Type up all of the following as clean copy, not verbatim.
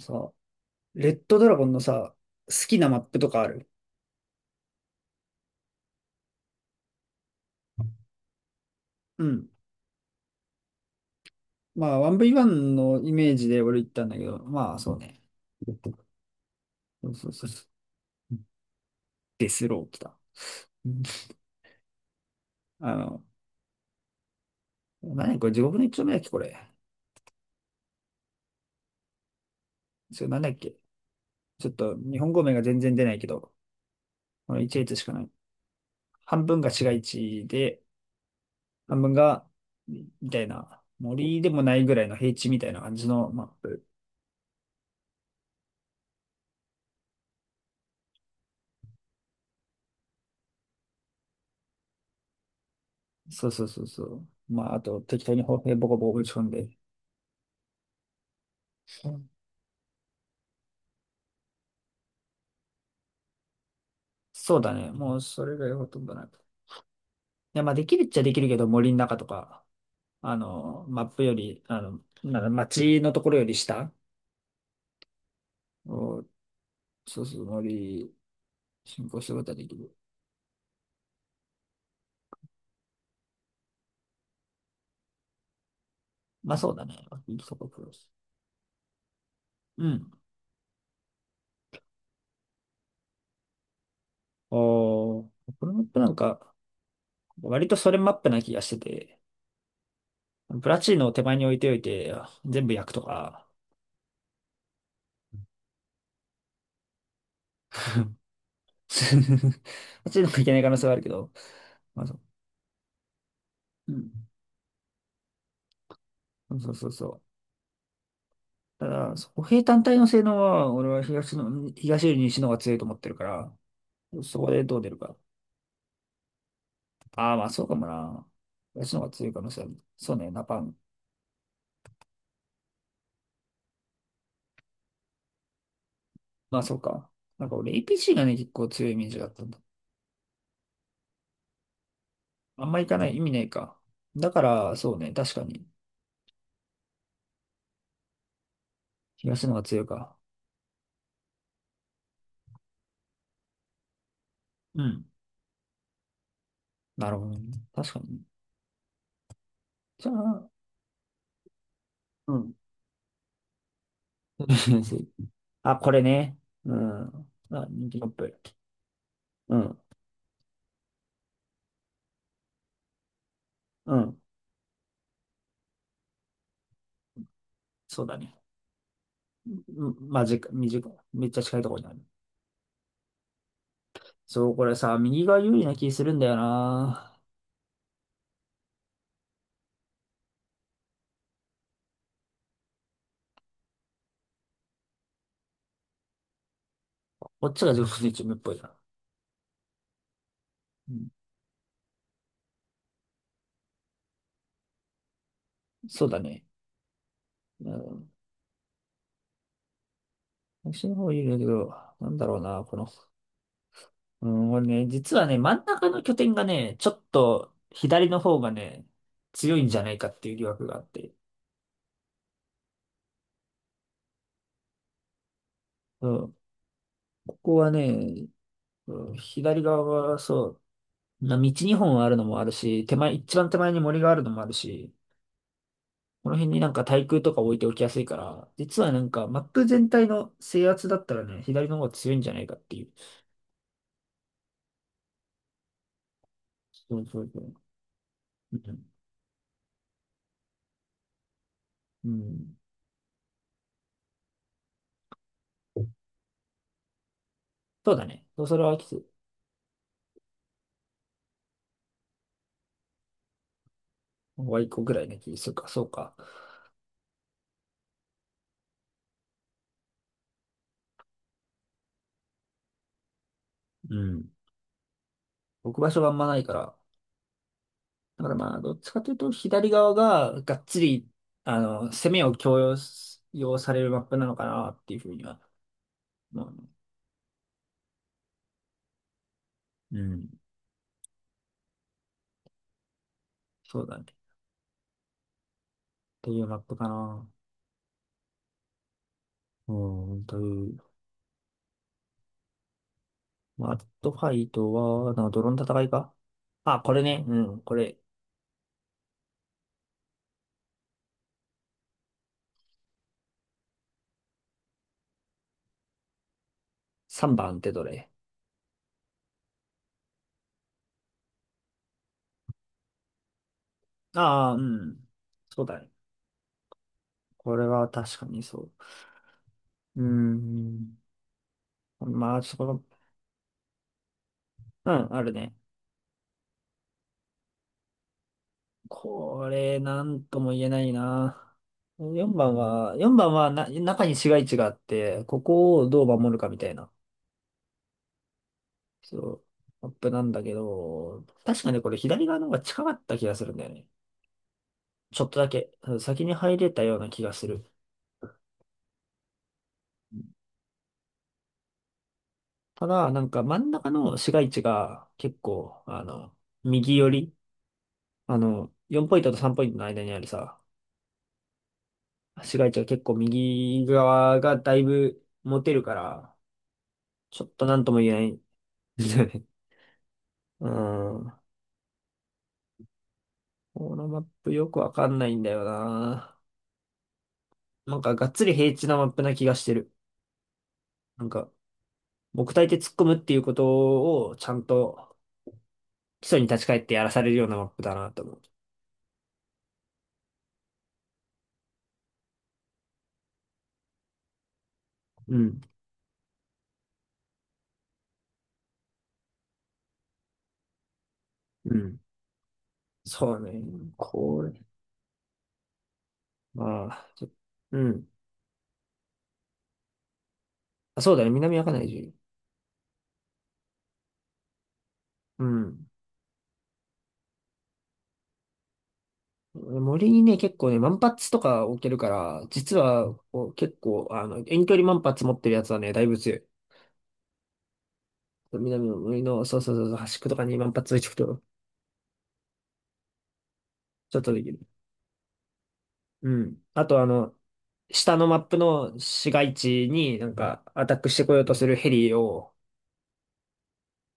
さ、レッドドラゴンのさ、好きなマップとかある？うん。まあ、1V1 のイメージで俺言ったんだけど、まあ、そうね。そうそうそうそう。デスロー来た。うん。あの、何やこれ、地獄の一丁目だっけ、これ。それなんだっけ。ちょっと、日本語名が全然出ないけど、この1列しかない。半分が市街地で、半分が、みたいな、森でもないぐらいの平地みたいな感じのマップ。そうそうそうそう。まあ、あと、適当に砲兵ボコボコ打ち込んで。そうだね。もうそれがほとんどなく。いや、まあできるっちゃできるけど、森の中とか、マップより、なんだ、街のところより下を、そうそう、森、進行することはできる。まあそうだね。いいとこクロス。うん。おー、このマップなんか、割とそれマップな気がしてて、プラチーノを手前に置いておいて、全部焼くとか、プラチーノがいけない可能性はあるけど、まあそう。うん。そうそうそう。ただ、歩兵単体の性能は、俺は東の、東より西の方が強いと思ってるから、そこでどう出るか。ああ、まあそうかもな。東の方が強い可能性ある。そうね、ナパン。まあそうか。なんか俺 a シーがね、結構強いイメージがあったんだ。あんま行かない、意味ないか。だから、そうね、確かに。東の方が強いか。うん。なるほどね。確かに。じゃあ、うん。あ、これね。うん。あ、人気マップ。うん。うん。そうだね。うん、まあ、短いめっちゃ近いところにある。そう、これさ、右が有利な気するんだよな。こっちが上手にチームっぽいな。うん、そうだね。うん、私の方有利だけど、なんだろうな、この。うん、これね、実はね、真ん中の拠点がね、ちょっと左の方がね、強いんじゃないかっていう疑惑があって。うん、ここはね、うん、左側はそう、な道2本あるのもあるし、手前、一番手前に森があるのもあるし、この辺になんか対空とか置いておきやすいから、実はなんかマップ全体の制圧だったらね、左の方が強いんじゃないかっていう。そうそうそう。うん。うん、そうだね。そうそれはきつ。ワイコぐらいの気するか、そうか。うん。置く場所があんまないから。だからまあ、どっちかというと左側ががっつり、攻めを強要す要されるマップなのかなっていうふうには思うね。うん。そうだね。というマップかな。うん、という。まあ、アットファイトは、なんかドローン戦いか。あ、これね。うん。これ、3番ってどれ。ああ、うん。そうだね。これは確かにそう。うーん。まあ、そこの、うん、あるね。これ、なんとも言えないな。4番はな、中に市街地があって、ここをどう守るかみたいな、そう、マップなんだけど、確かね、これ左側の方が近かった気がするんだよね。ちょっとだけ、うん先に入れたような気がする。ただ、なんか真ん中の市街地が結構、右寄り、4ポイントと3ポイントの間にあるさ、市街地は結構右側がだいぶ持てるから、ちょっとなんとも言えないんだよね。うん。このマップよくわかんないんだよな。なんかがっつり平地なマップな気がしてる。なんか、木体で突っ込むっていうことをちゃんと基礎に立ち返ってやらされるようなマップだなと思う。うん。うん。そうね。こああ、うん。あ、そうだね。南アカナイ。うん。森にね、結構ね、万発とか置けるから、実はこう結構、遠距離万発持ってるやつはね、だいぶ強い。南の森の、そうそうそう、そう端っことかに万発置いておくと、ちょっとできる。うん。あと、下のマップの市街地になんかアタックしてこようとするヘリを、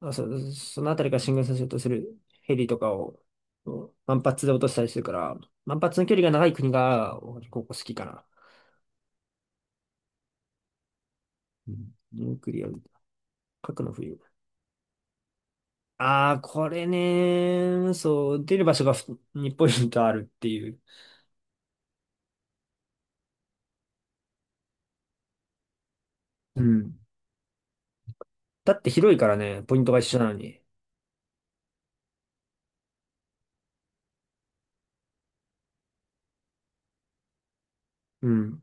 そのあたりから進軍させようとするヘリとかを、うん万発で落としたりするから、万発の距離が長い国が、俺、ここ好きかな。うん。ニュークリア、核の冬。ああ、これね、そう、出る場所が2ポイントあるっていう。うん。だって広いからね、ポイントが一緒なのに。うん。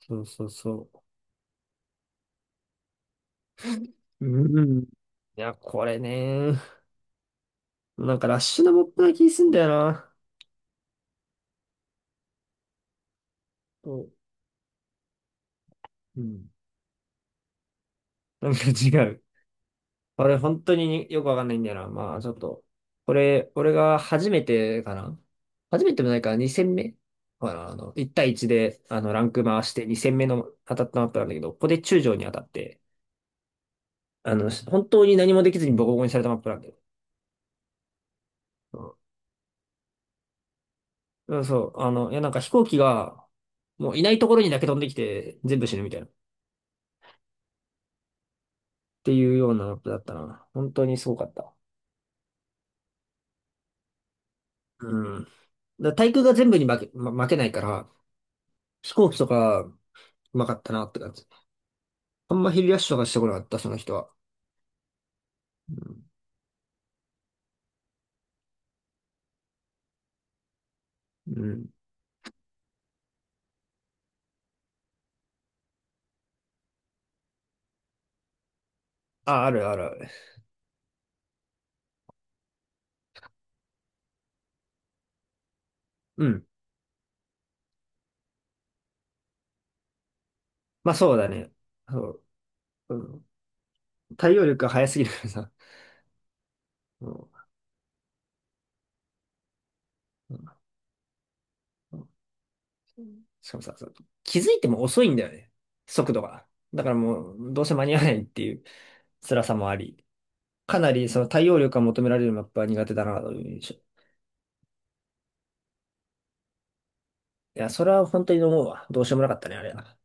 そうそうそう。うん。いや、これね、なんかラッシュなモップな気すんだよな。そう。うん。なんか違う。俺、本当によくわかんないんだよな。まあ、ちょっと。これ、俺が初めてかな、初めてもないか、2戦目。ほら、1対1で、ランク回して2戦目の当たったマップなんだけど、ここで中将に当たって、本当に何もできずにボコボコにされたマップなんだよ。うん、そう、なんか飛行機が、もういないところにだけ飛んできて、全部死ぬみたいな。っていうようなマップだったな。本当にすごかった。うん。だから対空が全部に負け、ま、負けないから、飛行機とか、うまかったなって感じ。あんま昼休みとかしてこなかった、その人は。うん。うん。あ、あるあるある。うん。まあそうだね。そう。うん、対応力が早すぎるからさ。うんうんうん、しかもさ、そう気づいても遅いんだよね。速度が。だからもう、どうせ間に合わないっていう辛さもあり。かなりその対応力が求められるマップは苦手だなという印象。いや、それは本当に思うわ。どうしようもなかったね、あれは。